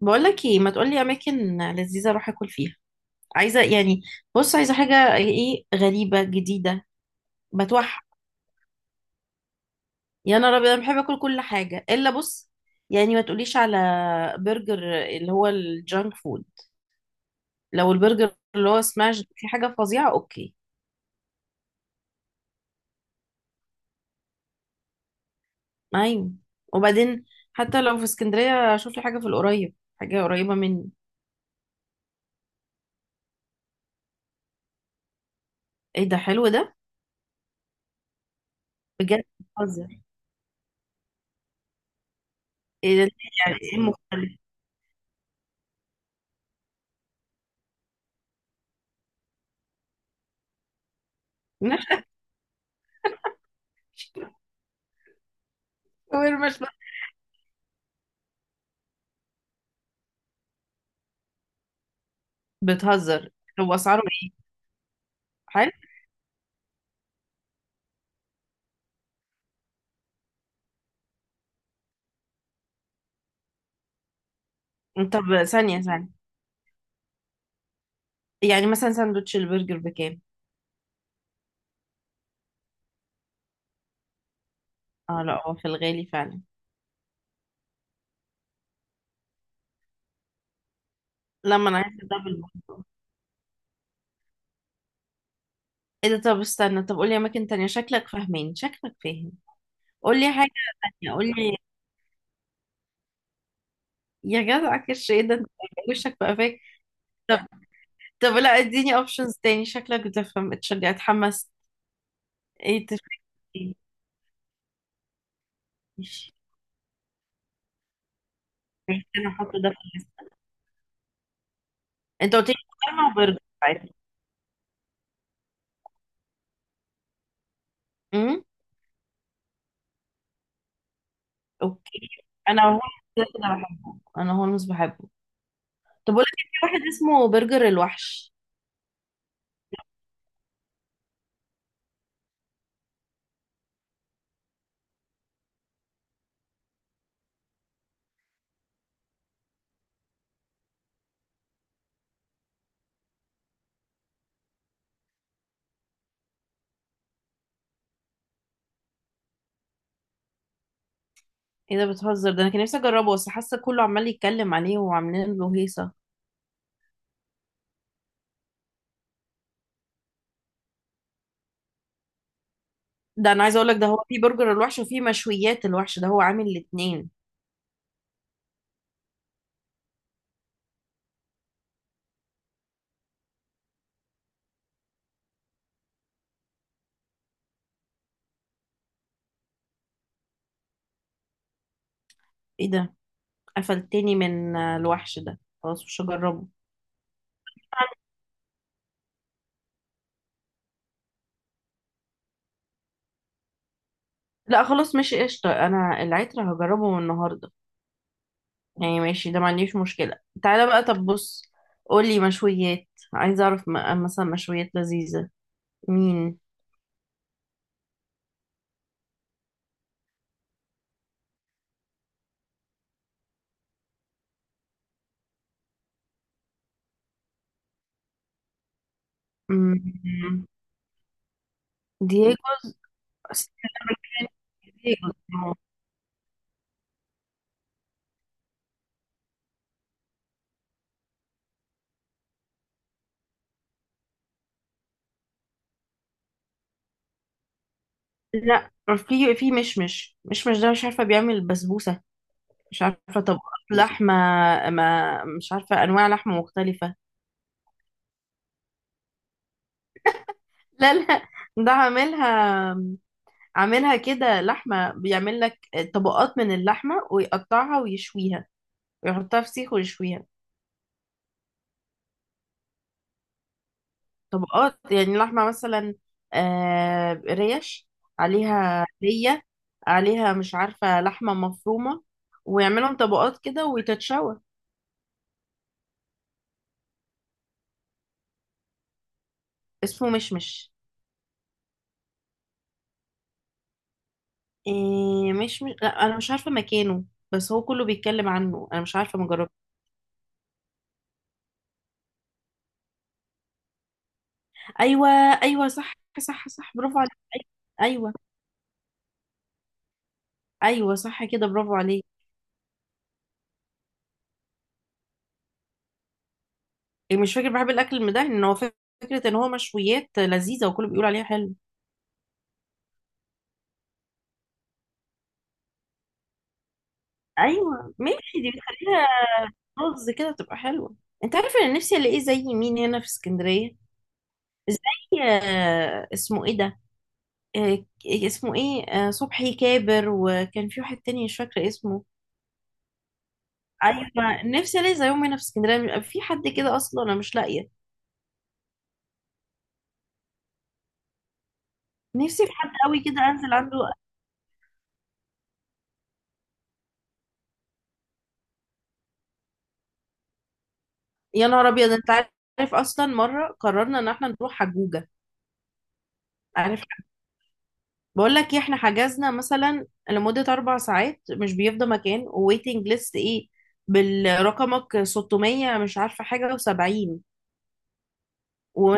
بقولك ايه، ما تقولي اماكن لذيذه اروح اكل فيها؟ عايزه يعني. بص، عايزه حاجه ايه غريبه جديده. بتوحى. يا نهار ابيض، انا بحب اكل كل حاجه الا بص، يعني ما تقوليش على برجر اللي هو الجانك فود. لو البرجر اللي هو سماش في حاجه فظيعه، اوكي. نايم وبعدين، حتى لو في اسكندريه اشوف لي حاجه في القريب، حاجه قريبه مني. ايه ده؟ حلو ده. بجد بتهزر؟ ايه ده؟ يعني ايه مختلف؟ شاورما. بتهزر. هو اسعاره ايه؟ حلو. طب ثانية ثانية، يعني مثلا ساندوتش البرجر بكام؟ اه لا، هو في الغالي فعلا. لما انا عايزة دبل برجر. ايه ده؟ طب استنى، طب قولي اماكن تانية. شكلك فاهم. قولي حاجة تانية، قولي. يا جدع كرش ايه ده؟ انت وشك بقى فاك. طب طب لا، اديني اوبشنز تاني. شكلك بتفهم، اتشجع اتحمس. ايه تفكير! ماشي. ماشي، انا احط ده في الليست. انت قلت لي شاورما وبرجر عادي. امم. اوكي، انا هولمز كده كده بحبه، انا هولمز بحبه. طب بقول لك إيه، في واحد اسمه برجر الوحش. ايه ده؟ بتهزر؟ ده انا كان نفسي اجربه، بس حاسه كله عمال يتكلم عليه وعاملين له هيصه. ده انا عايزه اقول لك، ده هو في برجر الوحش وفي مشويات الوحش، ده هو عامل الاتنين. ايه ده؟ قفلتني من الوحش ده، خلاص مش هجربه. لا خلاص ماشي قشطه، انا العترة هجربه من النهارده. يعني ماشي، ده ما عنديش مشكله. تعالى بقى، طب بص، قولي مشويات. عايزه اعرف مثلا مشويات لذيذه. مين؟ مم. دييجوز. دييجوز. لا، في مشمش. مشمش ده مش عارفه، بيعمل بسبوسه، مش عارفه طبقات لحمه، ما مش عارفه انواع لحمه مختلفه. لا لا، ده عاملها، عاملها كده لحمه، بيعمل لك طبقات من اللحمه ويقطعها ويشويها، ويحطها في سيخ ويشويها. طبقات، يعني لحمه مثلا ريش عليها، ليه عليها مش عارفه لحمه مفرومه، ويعملهم طبقات كده وتتشوى. اسمه مشمش. إيه، لا انا مش عارفه مكانه، بس هو كله بيتكلم عنه، انا مش عارفه، ما جربت. ايوه ايوه صح، صح صح، برافو عليك. ايوه ايوه، صح كده، برافو عليك. إيه، مش فاكر، بحب الاكل المدهن، ان هو فكره ان هو مشويات لذيذه وكله بيقول عليها حلو. ايوه ماشي، دي بتخليها رز كده تبقى حلوه. انت عارفه انا نفسي الاقيه زي مين هنا في اسكندريه؟ زي اسمه ايه ده، اسمه ايه، صبحي كابر، وكان في واحد تاني مش فاكره اسمه. ايوه، نفسي الاقي زيهم هنا في اسكندريه، بيبقى في حد كده اصلا؟ انا مش لاقيه. نفسي في حد قوي كده انزل عنده. يا نهار ابيض، انت عارف اصلا مره قررنا ان احنا نروح حجوجه؟ عارف، بقول لك ايه، احنا حجزنا مثلا لمده 4 ساعات مش بيفضى مكان، وويتنج ليست ايه، بالرقمك 600 مش عارفه حاجه و70 و،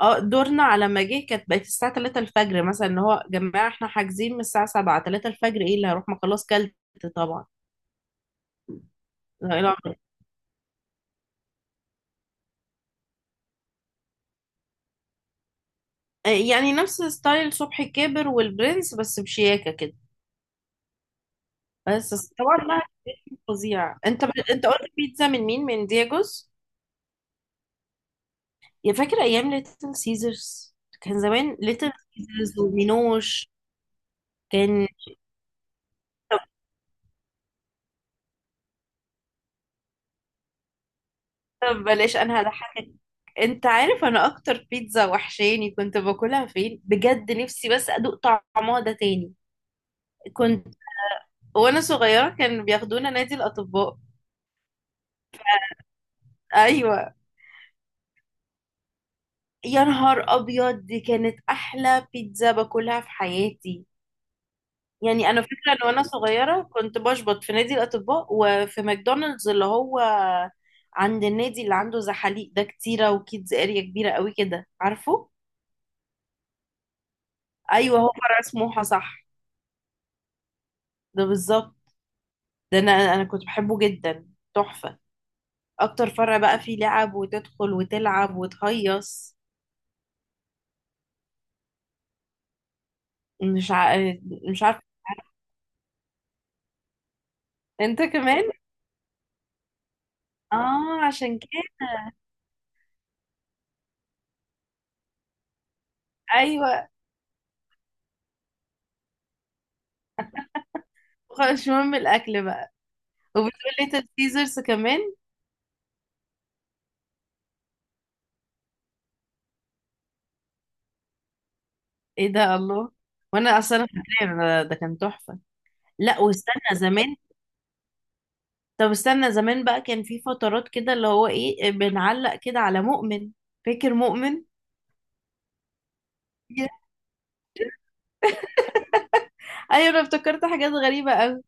اه دورنا على ما جه كانت بقت الساعه 3 الفجر مثلا، اللي هو يا جماعه احنا حاجزين من الساعه 7 3 الفجر، ايه اللي هروح، ما خلاص كلت، طبعا. لا، لا. يعني نفس ستايل صبحي كابر والبرنس، بس بشياكة كده. بس طبعا بقى فظيع. انت انت قلت بيتزا من مين؟ من دياجوس؟ يا فاكر ايام ليتل سيزرز، كان زمان ليتل سيزرز ومينوش؟ كان، طب بلاش، انا هضحكك. انت عارف انا اكتر بيتزا وحشاني كنت باكلها فين بجد، نفسي بس ادوق طعمها ده تاني؟ كنت وانا صغيرة كانوا بياخدونا نادي الاطباء. ايوه، يا نهار ابيض، دي كانت احلى بيتزا باكلها في حياتي. يعني انا فاكره ان وانا صغيره كنت بشبط في نادي الاطباء، وفي ماكدونالدز اللي هو عند النادي اللي عنده زحاليق ده، كتيره وكيدز اريا كبيره قوي كده، عارفه؟ ايوه، هو فرع سموحه، صح، ده بالظبط. ده انا كنت بحبه جدا، تحفه، اكتر فرع بقى فيه لعب وتدخل وتلعب وتهيص. مش ع... مش عارفه. انت كمان؟ اه، عشان كده. ايوه، خلاص مش مهم الاكل بقى. وبتقول لي ليتل سيزرز كمان؟ ايه ده، الله! وانا اصلا فاكره أنا ده كان تحفه. لا، واستنى زمان، طب استنى زمان بقى، كان في فترات كده اللي هو ايه، بنعلق كده على مؤمن. فاكر مؤمن؟ Yeah. ايوه، انا افتكرت حاجات غريبه قوي.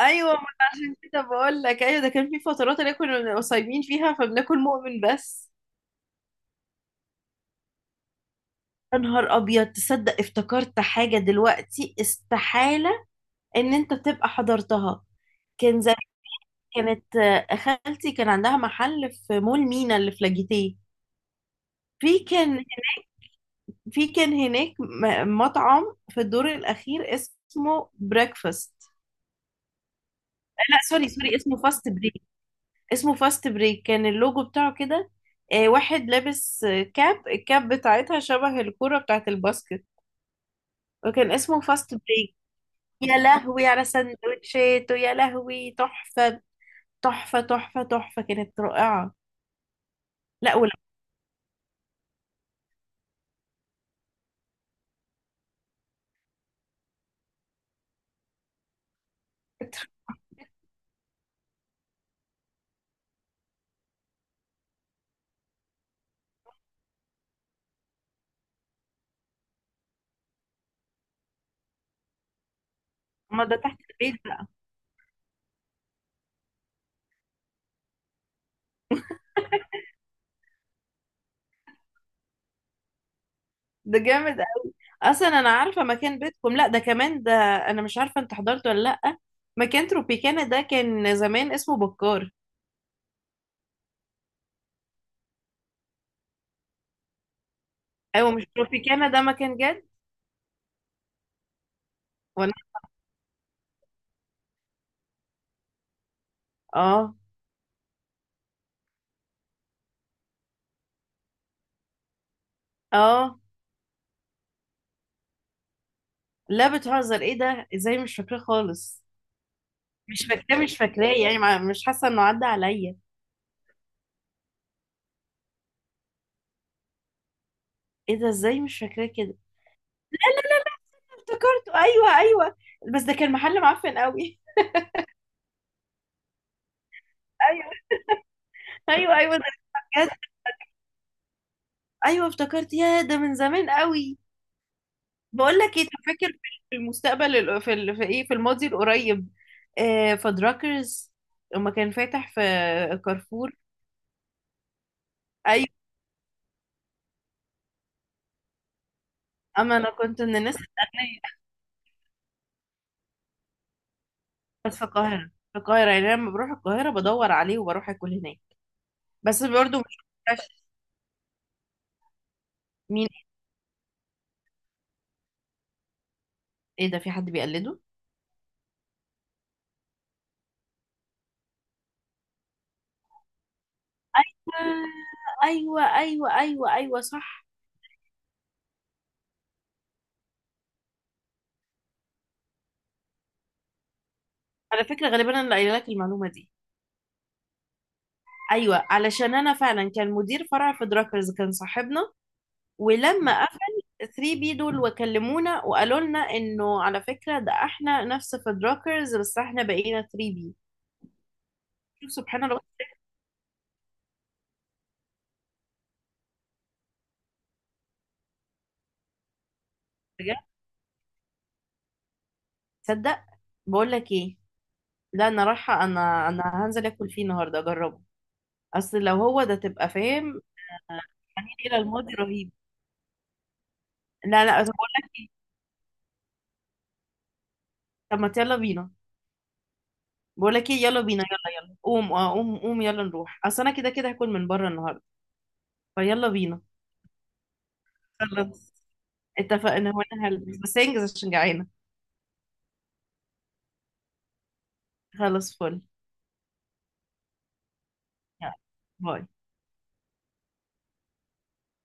ايوه، ما أنا عشان كده بقول لك، ايوه ده كان في فترات اللي كنا صايمين فيها، فبناكل مؤمن بس. يا نهار ابيض، تصدق افتكرت حاجه دلوقتي استحاله ان انت تبقى حضرتها؟ كان كانت خالتي كان عندها محل في مول مينا اللي في لاجيتيه. في كان في كان هناك مطعم في الدور الأخير اسمه بريكفاست. لا سوري، سوري، اسمه فاست بريك. اسمه فاست بريك، كان اللوجو بتاعه كده، واحد لابس كاب، الكاب بتاعتها شبه الكرة بتاعت الباسكت، وكان اسمه فاست بريك. يا لهوي على سندوتشات، ويا لهوي تحفة، تحفة تحفة تحفة، كانت رائعة. لا ولا. ما ده تحت البيت بقى. ده جامد. اصلا انا عارفه مكان بيتكم، لا ده كمان، ده انا مش عارفه انت حضرته ولا لا، مكان تروبيكانا ده كان زمان اسمه بكار. ايوه، مش تروبيكانا ده مكان جد. ولا. اه. اه. لا بتهزر، ايه ده؟ ازاي مش فاكراه خالص؟ مش فاكراه، مش فاكراه، يعني مش حاسه انه عدى عليا. ايه ده، ازاي مش فاكراه كده؟ افتكرته، ايوه ايوه، بس ده كان محل معفن قوي. ايوه، ايوه ايوه، ده بجد. ايوه افتكرت، يا ده من زمان قوي. بقول لك ايه، طب فاكر في المستقبل في في في الماضي القريب، آه فدراكرز، لما كان فاتح في كارفور؟ ايوه. اما انا كنت من الناس الاغنياء. بس في القاهره، في القاهره، يعني أنا لما بروح القاهره بدور عليه وبروح اكل هناك. بس برضه مش عارفة مين. ايه ده، في حد بيقلده؟ ايوه ايوه ايوه ايوه صح. على فكره غالبا انا اللي قايله لك المعلومه دي. ايوه، علشان انا فعلا كان مدير فرع في دراكرز كان صاحبنا، ولما قفل 3 بي دول وكلمونا وقالوا لنا انه على فكرة ده احنا نفس فدراكرز، بس احنا بقينا 3 بي. شوف سبحان الله. بجد، تصدق، بقول لك ايه، لا انا رايحة، انا هنزل اكل فيه النهارده اجربه، اصل لو هو ده تبقى فاهم. آه، يعني إيه، الى الماضي رهيب! لا لا، طب بقول لك ايه، طب ما يلا بينا. بقول لك ايه، يلا بينا، يلا يلا قوم، اه قوم قوم، يلا نروح، اصل انا كده كده هاكل من بره النهارده. فيلا بينا، خلاص، اتفقنا، وانا هلبس، بس انجز عشان جعانة. خلاص، فل. يلا، باي.